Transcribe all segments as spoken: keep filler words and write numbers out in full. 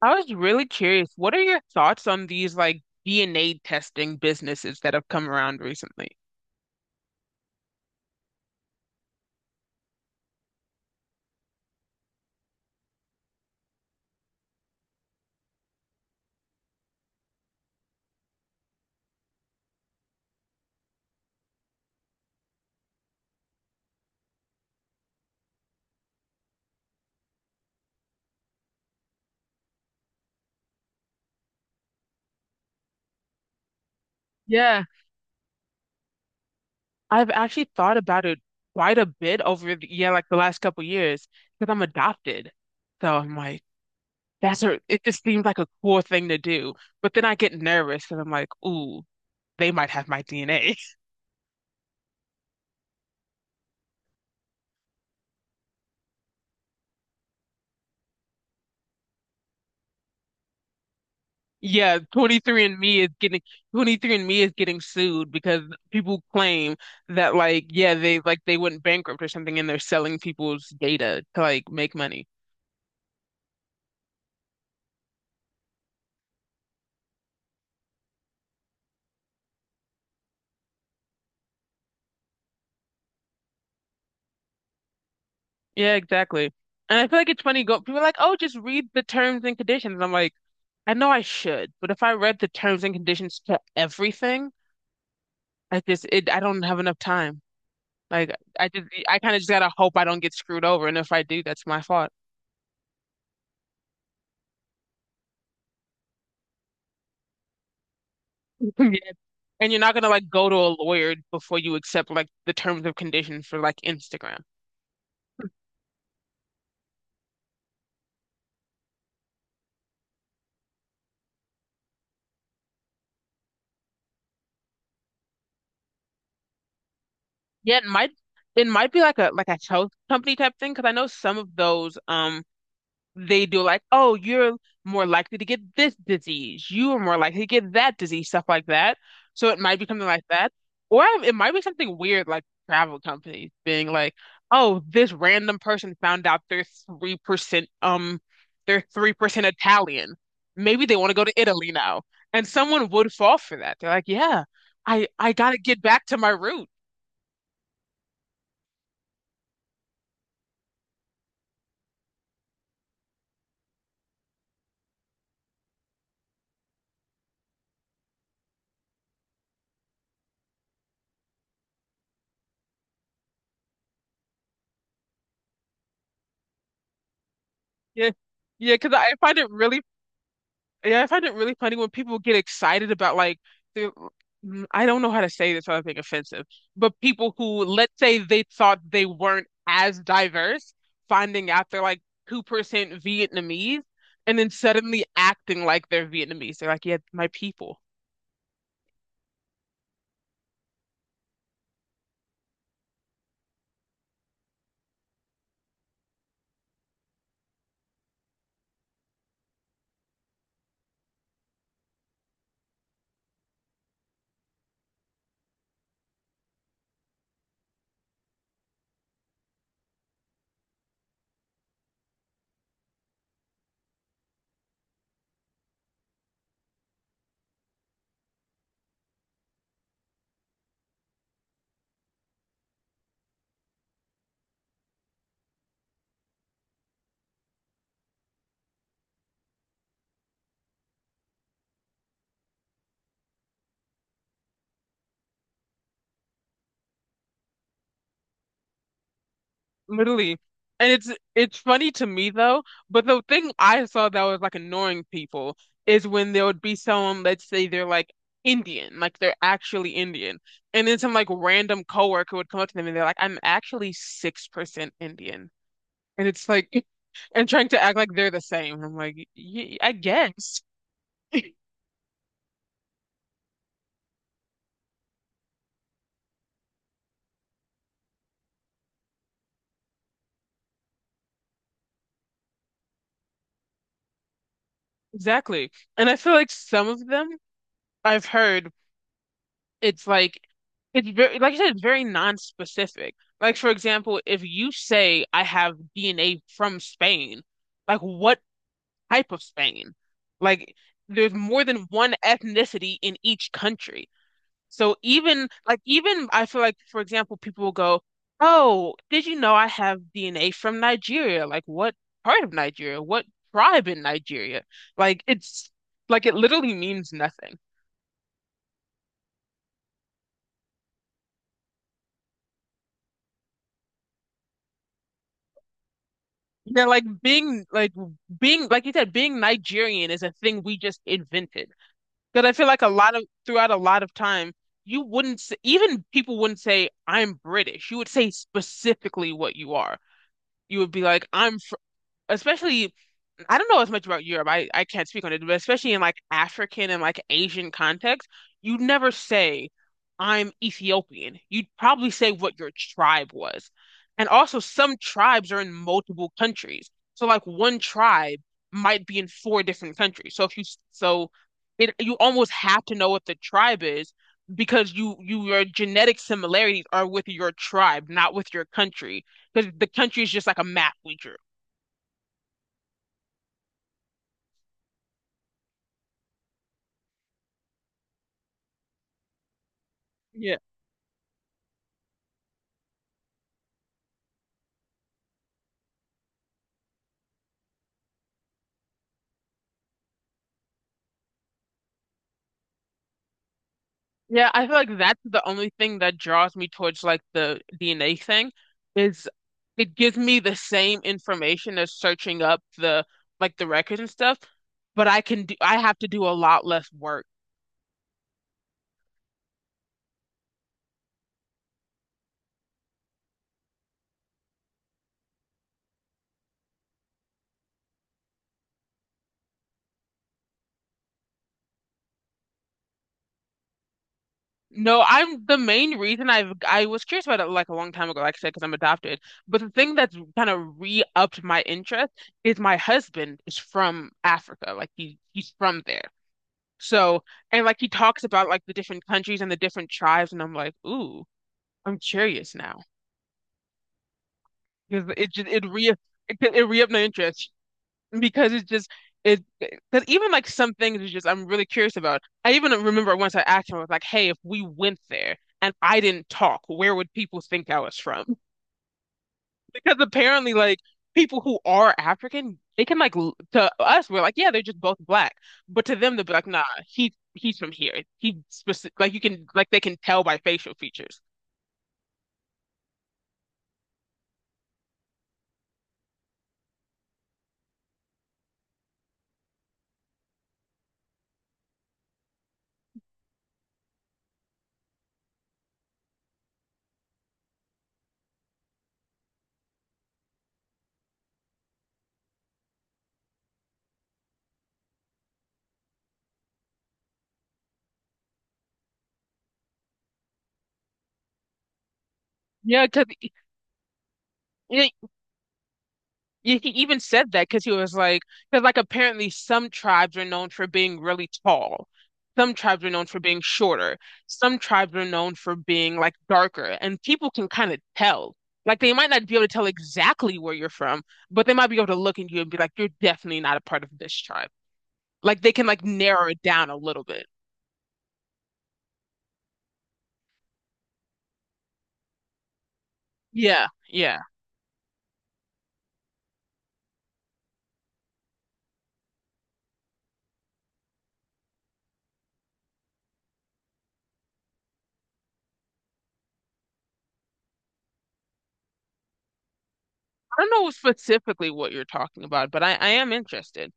I was really curious. What are your thoughts on these like D N A testing businesses that have come around recently? Yeah, I've actually thought about it quite a bit over the, yeah, like the last couple years because I'm adopted. So I'm like, that's a, it just seems like a cool thing to do. But then I get nervous because I'm like, ooh, they might have my D N A. Yeah, twenty-three and me is getting twenty-three and me is getting sued because people claim that like yeah, they like they went bankrupt or something and they're selling people's data to like make money. Yeah, exactly. And I feel like it's funny go people are like, "Oh, just read the terms and conditions." I'm like, "I know I should, but if I read the terms and conditions to everything, I just it I don't have enough time." Like I just I kind of just gotta hope I don't get screwed over, and if I do, that's my fault. And you're not gonna like go to a lawyer before you accept like the terms of conditions for like Instagram. Yeah, it might it might be like a like a health company type thing because I know some of those um they do like, oh, you're more likely to get this disease. You are more likely to get that disease, stuff like that. So it might be something like that. Or it might be something weird like travel companies being like, oh, this random person found out they're three percent um they're three percent Italian. Maybe they want to go to Italy now. And someone would fall for that. They're like, yeah, I I gotta get back to my root. Yeah. Yeah, because I find it really Yeah, I find it really funny when people get excited about like the mm, I don't know how to say this without being offensive, but people who, let's say, they thought they weren't as diverse, finding out they're like two percent Vietnamese and then suddenly acting like they're Vietnamese. They're like, yeah, my people. Literally. And it's it's funny to me though, but the thing I saw that was like annoying people is when there would be someone, let's say they're like Indian, like they're actually Indian. And then some like random coworker would come up to them and they're like, I'm actually six percent Indian. And it's like and trying to act like they're the same. I'm like, y I guess. Exactly. And I feel like some of them I've heard it's like it's very like I said, it's very non-specific. Like for example, if you say I have D N A from Spain, like what type of Spain? Like there's more than one ethnicity in each country. So even like even I feel like for example, people will go, "Oh, did you know I have D N A from Nigeria? Like what part of Nigeria? What tribe in Nigeria?" Like it's like it literally means nothing. Yeah, like being like being like you said, being Nigerian is a thing we just invented. Because I feel like a lot of throughout a lot of time, you wouldn't s- even people wouldn't say I'm British. You would say specifically what you are. You would be like I'm fr-, especially I don't know as much about Europe. I, I can't speak on it, but especially in like African and like Asian context, you'd never say, I'm Ethiopian. You'd probably say what your tribe was. And also, some tribes are in multiple countries. So, like, one tribe might be in four different countries. So, if you, so it, you almost have to know what the tribe is because you, you, your genetic similarities are with your tribe, not with your country, because the country is just like a map we drew. Yeah, I feel like that's the only thing that draws me towards like the D N A thing is it gives me the same information as searching up the like the records and stuff, but I can do I have to do a lot less work. No, I'm the main reason I've I was curious about it like a long time ago, like I said, because I'm adopted. But the thing that's kind of re-upped my interest is my husband is from Africa. Like he he's from there. So and like he talks about like the different countries and the different tribes, and I'm like, ooh. I'm curious now because it just it re it, could- it re-upped my interest because it's just it because even like some things is just I'm really curious about. I even remember once I asked him, I was like, "Hey, if we went there and I didn't talk, where would people think I was from?" Because apparently, like people who are African, they can like l- to us, we're like, "Yeah, they're just both black," but to them, they'll be like, "Nah, he he's from here. He specific like you can like they can tell by facial features." Yeah, because Yeah, he even said that because he was like, because like apparently some tribes are known for being really tall. Some tribes are known for being shorter. Some tribes are known for being like darker. And people can kind of tell. Like they might not be able to tell exactly where you're from, but they might be able to look at you and be like, you're definitely not a part of this tribe. Like they can like narrow it down a little bit. Yeah, yeah. I don't know specifically what you're talking about, but I, I am interested.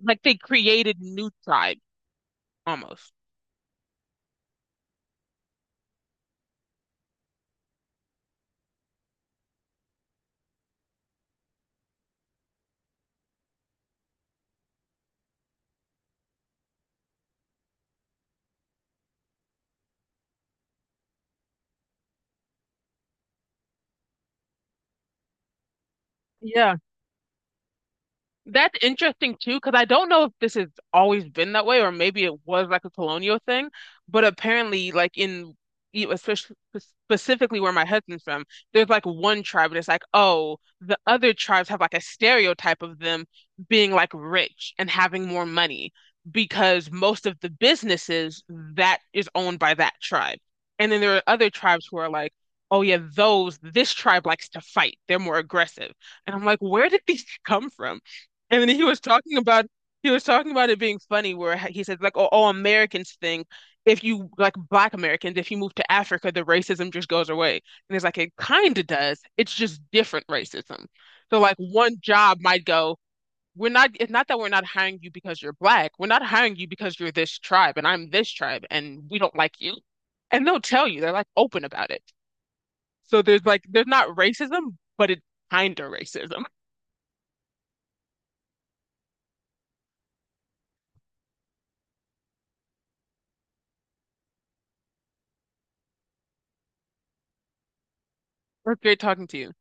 Like they created new tribes almost. Yeah. That's interesting too, because I don't know if this has always been that way, or maybe it was like a colonial thing. But apparently, like in e, especially specifically where my husband's from, there's like one tribe, and it's like, oh, the other tribes have like a stereotype of them being like rich and having more money because most of the businesses that is owned by that tribe. And then there are other tribes who are like, oh yeah, those this tribe likes to fight. They're more aggressive. And I'm like, where did these come from? And then he was talking about he was talking about it being funny where he said like oh, all Americans think if you like black Americans if you move to Africa the racism just goes away. And it's like it kind of does. It's just different racism. So like one job might go we're not it's not that we're not hiring you because you're black. We're not hiring you because you're this tribe and I'm this tribe and we don't like you. And they'll tell you they're like open about it. So there's like there's not racism but it's kind of racism. It's great talking to you.